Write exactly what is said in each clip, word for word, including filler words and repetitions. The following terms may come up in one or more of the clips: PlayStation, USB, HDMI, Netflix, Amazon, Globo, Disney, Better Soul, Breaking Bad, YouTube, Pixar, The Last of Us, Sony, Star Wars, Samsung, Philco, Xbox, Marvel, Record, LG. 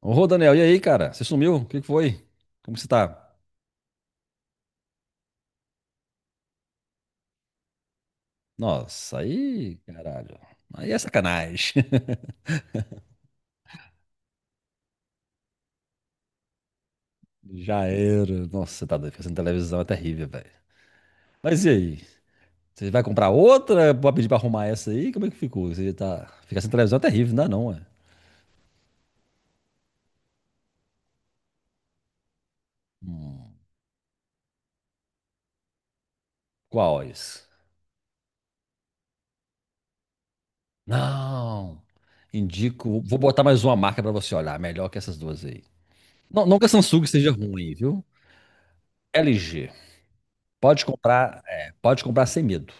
Ô, Daniel, e aí, cara? Você sumiu? O que que foi? Como você tá? Nossa, aí, caralho. Aí é sacanagem. Já era. Nossa, você tá doido. Ficar sem televisão é terrível, velho. Mas e aí? Você vai comprar outra pra pedir pra arrumar essa aí? Como é que ficou? Você tá. Ficar sem televisão é terrível, não é não, é? Hum, quais? Não. Indico. Vou botar mais uma marca pra você olhar. Melhor que essas duas aí. Não, não que a Samsung seja ruim, viu? L G. Pode comprar, é, pode comprar sem medo.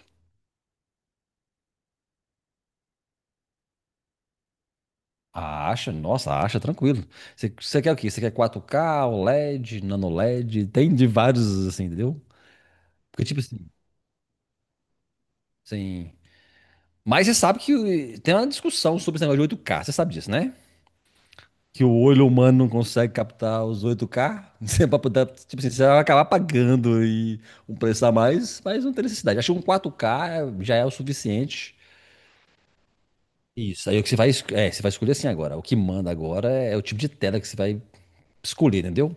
A Acha, nossa, a Acha, tranquilo. Você você quer o quê? Você quer quatro k OLED, nano LED? Tem de vários, assim, entendeu? Porque, tipo assim, sem. Mas você sabe que tem uma discussão sobre esse negócio de oito k você sabe disso, né? Que o olho humano não consegue captar os oito k Você, pra poder- tipo assim, você vai acabar pagando e um preço a mais, mas não tem necessidade. Acho que um quatro k já é o suficiente. Isso, aí o que você vai, es- é, você vai escolher assim agora. O que manda agora é o tipo de tela que você vai escolher, entendeu?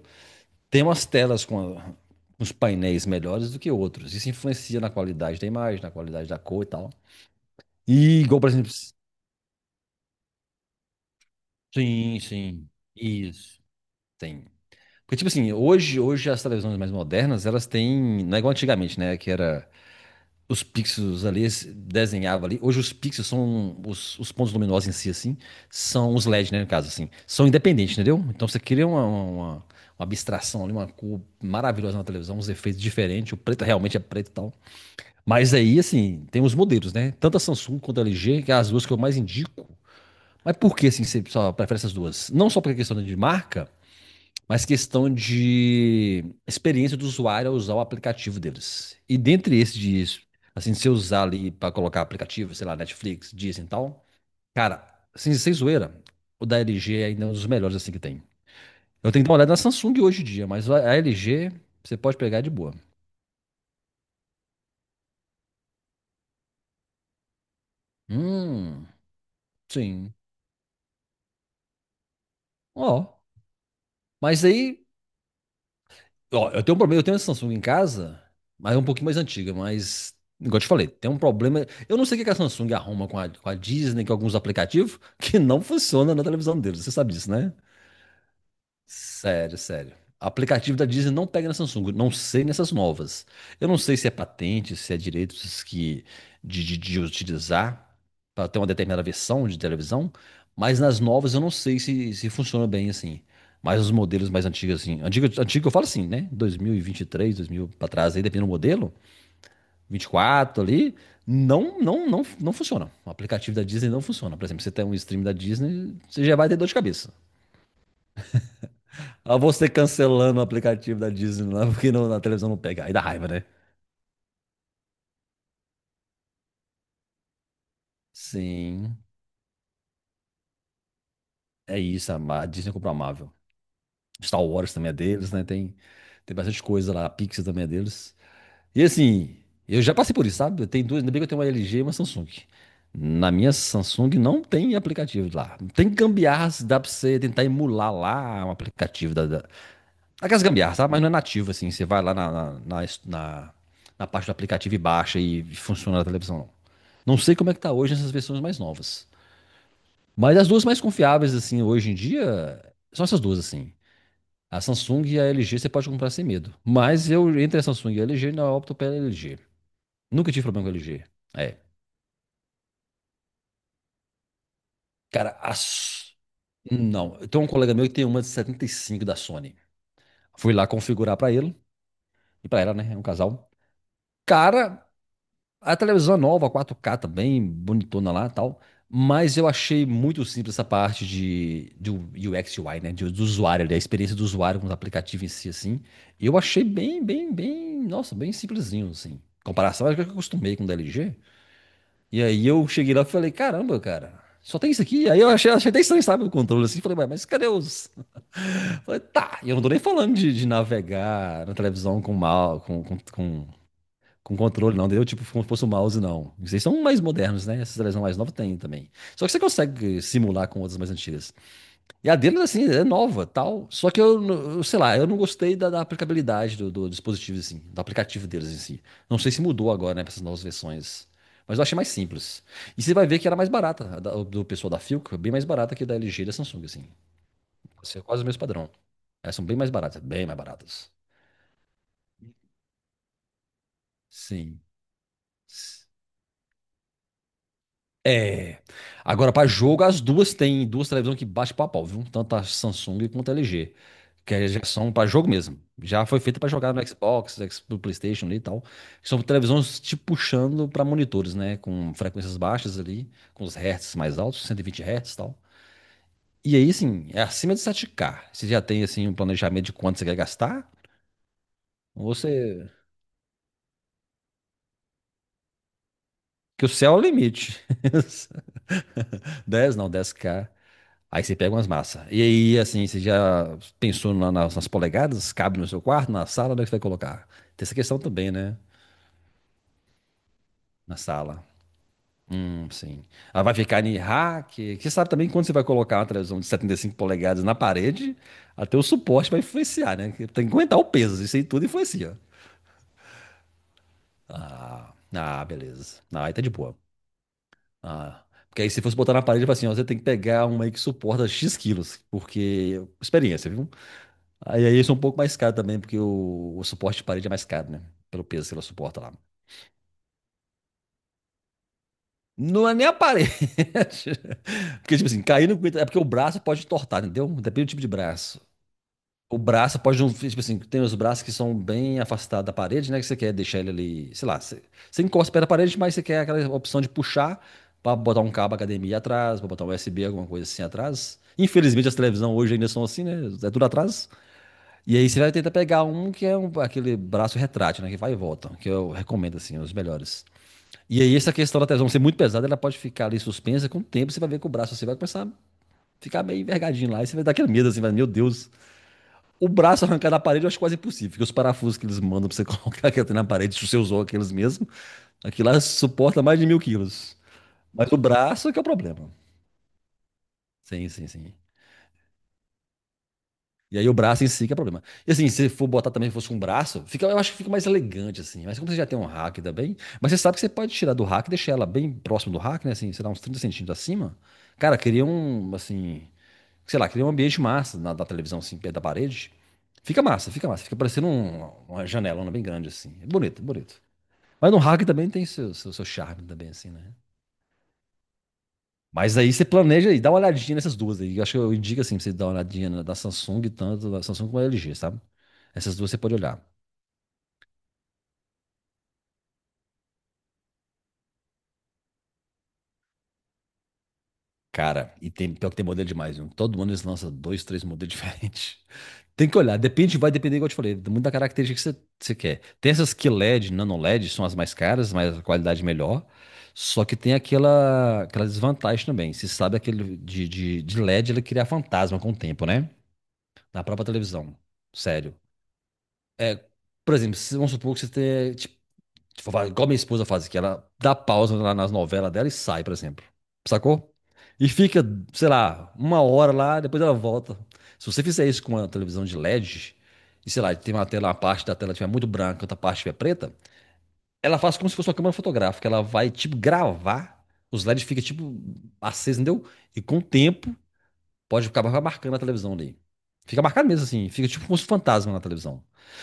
Tem umas telas com a- uns painéis melhores do que outros. Isso influencia na qualidade da imagem, na qualidade da cor e tal. E igual, por exemplo. Sim, sim. Isso. Tem. Porque, tipo assim, hoje, hoje as televisões mais modernas, elas têm. Não é igual antigamente, né? Que era. Os pixels ali se desenhava ali. Hoje os pixels são. Os, os pontos luminosos em si, assim. São os LEDs, né? No caso, assim. São independentes, entendeu? Então você cria uma, uma, uma abstração ali, uma cor maravilhosa na televisão, uns efeitos diferentes. O preto realmente é preto e tal. Mas aí, assim, tem os modelos, né? Tanto a Samsung quanto a L G, que é as duas que eu mais indico. Mas por que, assim, você só prefere essas duas? Não só porque é questão de marca, mas questão de experiência do usuário ao usar o aplicativo deles. E dentre esses de, assim, se eu usar ali para colocar aplicativo, sei lá, Netflix, Disney e tal, cara, assim, sem zoeira, o da L G ainda é ainda um dos melhores, assim, que tem. Eu tenho que dar uma olhada na Samsung hoje em dia, mas a L G você pode pegar de boa. Hum, sim. Ó, mas aí Ó, eu tenho um problema, eu tenho essa Samsung em casa, mas é um pouquinho mais antiga, mas, igual eu te falei, tem um problema. Eu não sei o que que a Samsung arruma com a, com a Disney, com alguns aplicativos, que não funciona na televisão deles. Você sabe disso, né? Sério, sério. Aplicativo da Disney não pega na Samsung, não sei nessas novas. Eu não sei se é patente, se é direitos que de, de- de utilizar para ter uma determinada versão de televisão, mas nas novas eu não sei se, se funciona bem assim. Mas os modelos mais antigos, assim, antigo, antigo eu falo assim, né? dois mil e vinte e três, dois mil para trás, aí depende do modelo, vinte e quatro ali, não, não, não, não funciona. O aplicativo da Disney não funciona. Por exemplo, você tem um stream da Disney, você já vai ter dor de cabeça. A você cancelando o aplicativo da Disney lá, porque não- na televisão não pega. Aí dá raiva, né? Sim, é isso. A Ma- a Disney comprou a Marvel. Star Wars também é deles, né? Tem, tem bastante coisa lá. A Pixar também é deles. E assim, eu já passei por isso, sabe? Eu tenho duas, ainda bem que eu tenho uma L G e uma Samsung. Na minha Samsung não tem aplicativo lá. Tem gambiarras, dá pra você tentar emular lá um aplicativo da, da. Aquelas gambiarras, sabe? Mas não é nativo, assim. Você vai lá na, na, na, na- na parte do aplicativo e baixa e funciona na televisão. Não sei como é que tá hoje nessas versões mais novas. Mas as duas mais confiáveis, assim, hoje em dia, são essas duas, assim. A Samsung e a L G você pode comprar sem medo. Mas eu, entre a Samsung e a L G, ainda opto pela L G. Nunca tive problema com a L G. É. Cara, a. S- Não. Tem um colega meu que tem uma de setenta e cinco da Sony. Fui lá configurar pra ele e pra ela, né? É um casal. Cara, a televisão é nova, quatro K também, bonitona lá e tal. Mas eu achei muito simples essa parte de, do U X U I, né? de- Do usuário, ali, a experiência do usuário com os aplicativos em si, assim. Eu achei bem, bem, bem, nossa, bem simplesinho, assim. Em comparação, acho que eu acostumei com o da L G. E aí eu cheguei lá e falei, caramba, cara, só tem isso aqui? Aí eu achei, achei até estranho, sabe, o controle, assim. Falei, "Ué, mas cadê os... Falei, tá, e eu não tô nem falando de, de navegar na televisão com mal, com, com, com com controle, não, entendeu? Tipo, como se fosse um mouse, não. Vocês são mais modernos, né? Essas televisões mais novas tem também. Só que você consegue simular com outras mais antigas. E a deles, assim, é nova, tal. Só que eu, eu sei lá, eu não gostei da, da aplicabilidade do, do dispositivo, assim, do aplicativo deles em si. Não sei se mudou agora, né, para essas novas versões. Mas eu achei mais simples. E você vai ver que era mais barata, a da- do pessoal da Philco, bem mais barata que da L G e da Samsung, assim. Isso é quase o mesmo padrão. Elas são bem mais baratas, bem mais baratas. Sim. É. Agora, para jogo, as duas têm duas televisões que bate pau a pau, viu? Tanto a Samsung quanto a L G. Que aí já são para jogo mesmo. Já foi feita para jogar no Xbox, X- no PlayStation ali e tal. São televisões te puxando para monitores, né? Com frequências baixas ali, com os hertz mais altos, cento e vinte hertz e tal. E aí, sim, é acima de sete K. Você já tem, assim, um planejamento de quanto você quer gastar? Ou você. Que o céu é o limite. Dez não, dez K. Aí você pega umas massas. E aí, assim, você já pensou na- nas, nas polegadas? Cabe no seu quarto, na sala, onde é que você vai colocar? Tem essa questão também, né? Na sala. Hum, sim. Ela vai ficar em rack. Você sabe também que quando você vai colocar uma televisão de setenta e cinco polegadas na parede, até o suporte vai influenciar, né? Que tem que aguentar o peso, isso aí tudo influencia. Ah, ah, beleza. Ah, aí tá de boa. Ah. Porque aí se fosse botar na parede, eu assim, ó, você tem que pegar uma aí que suporta X quilos, porque experiência, viu? Aí, aí isso é um pouco mais caro também, porque o, o suporte de parede é mais caro, né? Pelo peso que ela suporta lá. Não é nem a parede. Porque, tipo assim, cair não aguenta. É porque o braço pode entortar, entendeu? Depende do tipo de braço. O braço pode não. Tipo assim, tem os braços que são bem afastados da parede, né? Que você quer deixar ele ali. Sei lá, você, você encosta perto da parede, mas você quer aquela opção de puxar pra botar um cabo H D M I atrás, pra botar um U S B, alguma coisa assim atrás. Infelizmente as televisões hoje ainda são assim, né? É tudo atrás. E aí você vai tentar pegar um que é um- aquele braço retrátil, né? Que vai e volta, que eu recomendo, assim, os melhores. E aí essa questão da tesão ser muito pesada, ela pode ficar ali suspensa, com o tempo você vai ver que o braço assim vai começar a ficar meio envergadinho lá, e você vai dar aquele medo, assim, vai, meu Deus. O braço arrancar da parede eu acho quase impossível, porque os parafusos que eles mandam pra você colocar aquilo na parede, se você usou aqueles mesmo, aquilo lá suporta mais de mil quilos. Mas o braço é que é o problema. Sim, sim, sim. E aí o braço em si que é problema. E assim, se for botar também, se fosse um braço, fica, eu acho que fica mais elegante, assim. Mas como você já tem um rack também, mas você sabe que você pode tirar do rack e deixar ela bem próximo do rack, né? Assim, sei lá, uns trinta centímetros acima. Cara, cria um, assim, sei lá, cria um ambiente massa na, da televisão, assim, perto da parede. Fica massa, fica massa. Fica parecendo um, uma janelona bem grande, assim. É bonito, é bonito. Mas no rack também tem seu, seu, seu charme também, assim, né? Mas aí você planeja e dá uma olhadinha nessas duas aí. Eu acho que eu indico assim pra você dar uma olhadinha na da Samsung, tanto da Samsung como da L G, sabe? Essas duas você pode olhar. Cara, e tem, pior que tem modelo demais, viu? Todo ano eles lançam dois, três modelos diferentes. Tem que olhar, depende, vai depender, igual eu te falei, muito da característica que você, você quer. Tem essas que LED, nano LED, são as mais caras, mas a qualidade melhor. Só que tem aquela, aquela desvantagem também. Você sabe aquele de, de, de LED, ele cria fantasma com o tempo, né? Na própria televisão. Sério. É, por exemplo, se- vamos supor que você tem, tipo, tipo, vai- igual minha esposa faz, que ela dá pausa lá nas novelas dela e sai, por exemplo. Sacou? E fica, sei lá, uma hora lá, depois ela volta. Se você fizer isso com uma televisão de LED, e sei lá, tem uma tela, uma parte da tela que estiver muito branca, outra parte estiver preta, ela faz como se fosse uma câmera fotográfica. Ela vai, tipo, gravar, os LEDs ficam, tipo, acesos, entendeu? E com o tempo, pode acabar marcando na televisão ali. Fica marcado mesmo assim, fica tipo como se fosse um fantasma na televisão.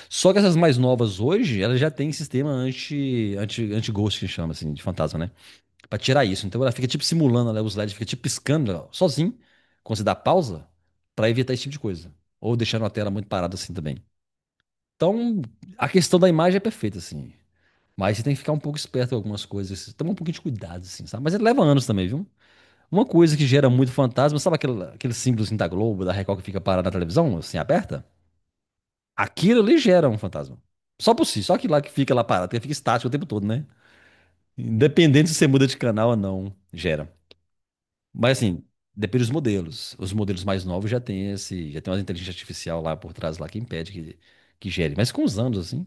Só que essas mais novas hoje, elas já têm sistema anti, anti, anti-ghost, que chama assim, de fantasma, né? Pra tirar isso. Então ela fica tipo simulando, né, os LEDs, fica tipo piscando ó, sozinho, quando você dá pausa, pra evitar esse tipo de coisa. Ou deixando a tela muito parada assim também. Então, a questão da imagem é perfeita, assim. Mas você tem que ficar um pouco esperto com algumas coisas, tomar um pouquinho de cuidado, assim, sabe? Mas ele leva anos também, viu? Uma coisa que gera muito fantasma, sabe aquele, aquele símbolo assim da Globo, da Record que fica parado na televisão, assim, aberta? Aquilo ali gera um fantasma. Só por si, só aquilo lá que fica lá parado, que fica estático o tempo todo, né? Independente se você muda de canal ou não, gera. Mas assim, depende dos modelos. Os modelos mais novos já tem esse, já tem uma inteligência artificial lá por trás lá que impede que, que gere. Mas com os anos, assim.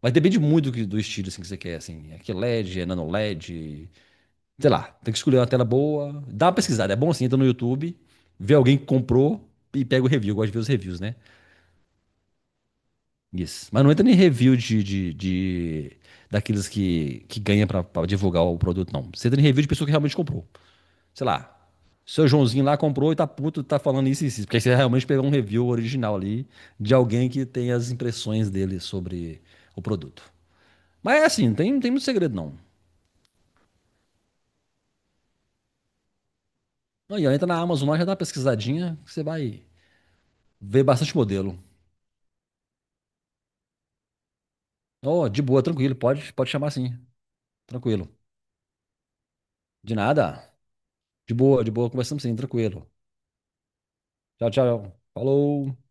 Mas depende muito do, que- do estilo assim, que você quer, assim. É que LED, é nano LED, sei lá, tem que escolher uma tela boa. Dá uma pesquisada, é bom assim, entra no YouTube, vê alguém que comprou e pega o review. Eu gosto de ver os reviews, né? Isso. Mas não entra nem review de, de, de- daqueles que, que ganha pra, pra divulgar o produto, não. Você entra em review de pessoa que realmente comprou. Sei lá, seu Joãozinho lá comprou e tá puto, tá falando isso e isso. Porque aí você realmente pegou um review original ali de alguém que tem as impressões dele sobre o produto. Mas é assim, não tem, não tem muito segredo, não. Aí, ó, entra na Amazon lá, já dá uma pesquisadinha, que você vai ver bastante modelo. Oh, de boa, tranquilo. Pode, pode chamar sim. Tranquilo. De nada. De boa, de boa. Conversamos sim, tranquilo. Tchau, tchau. Falou.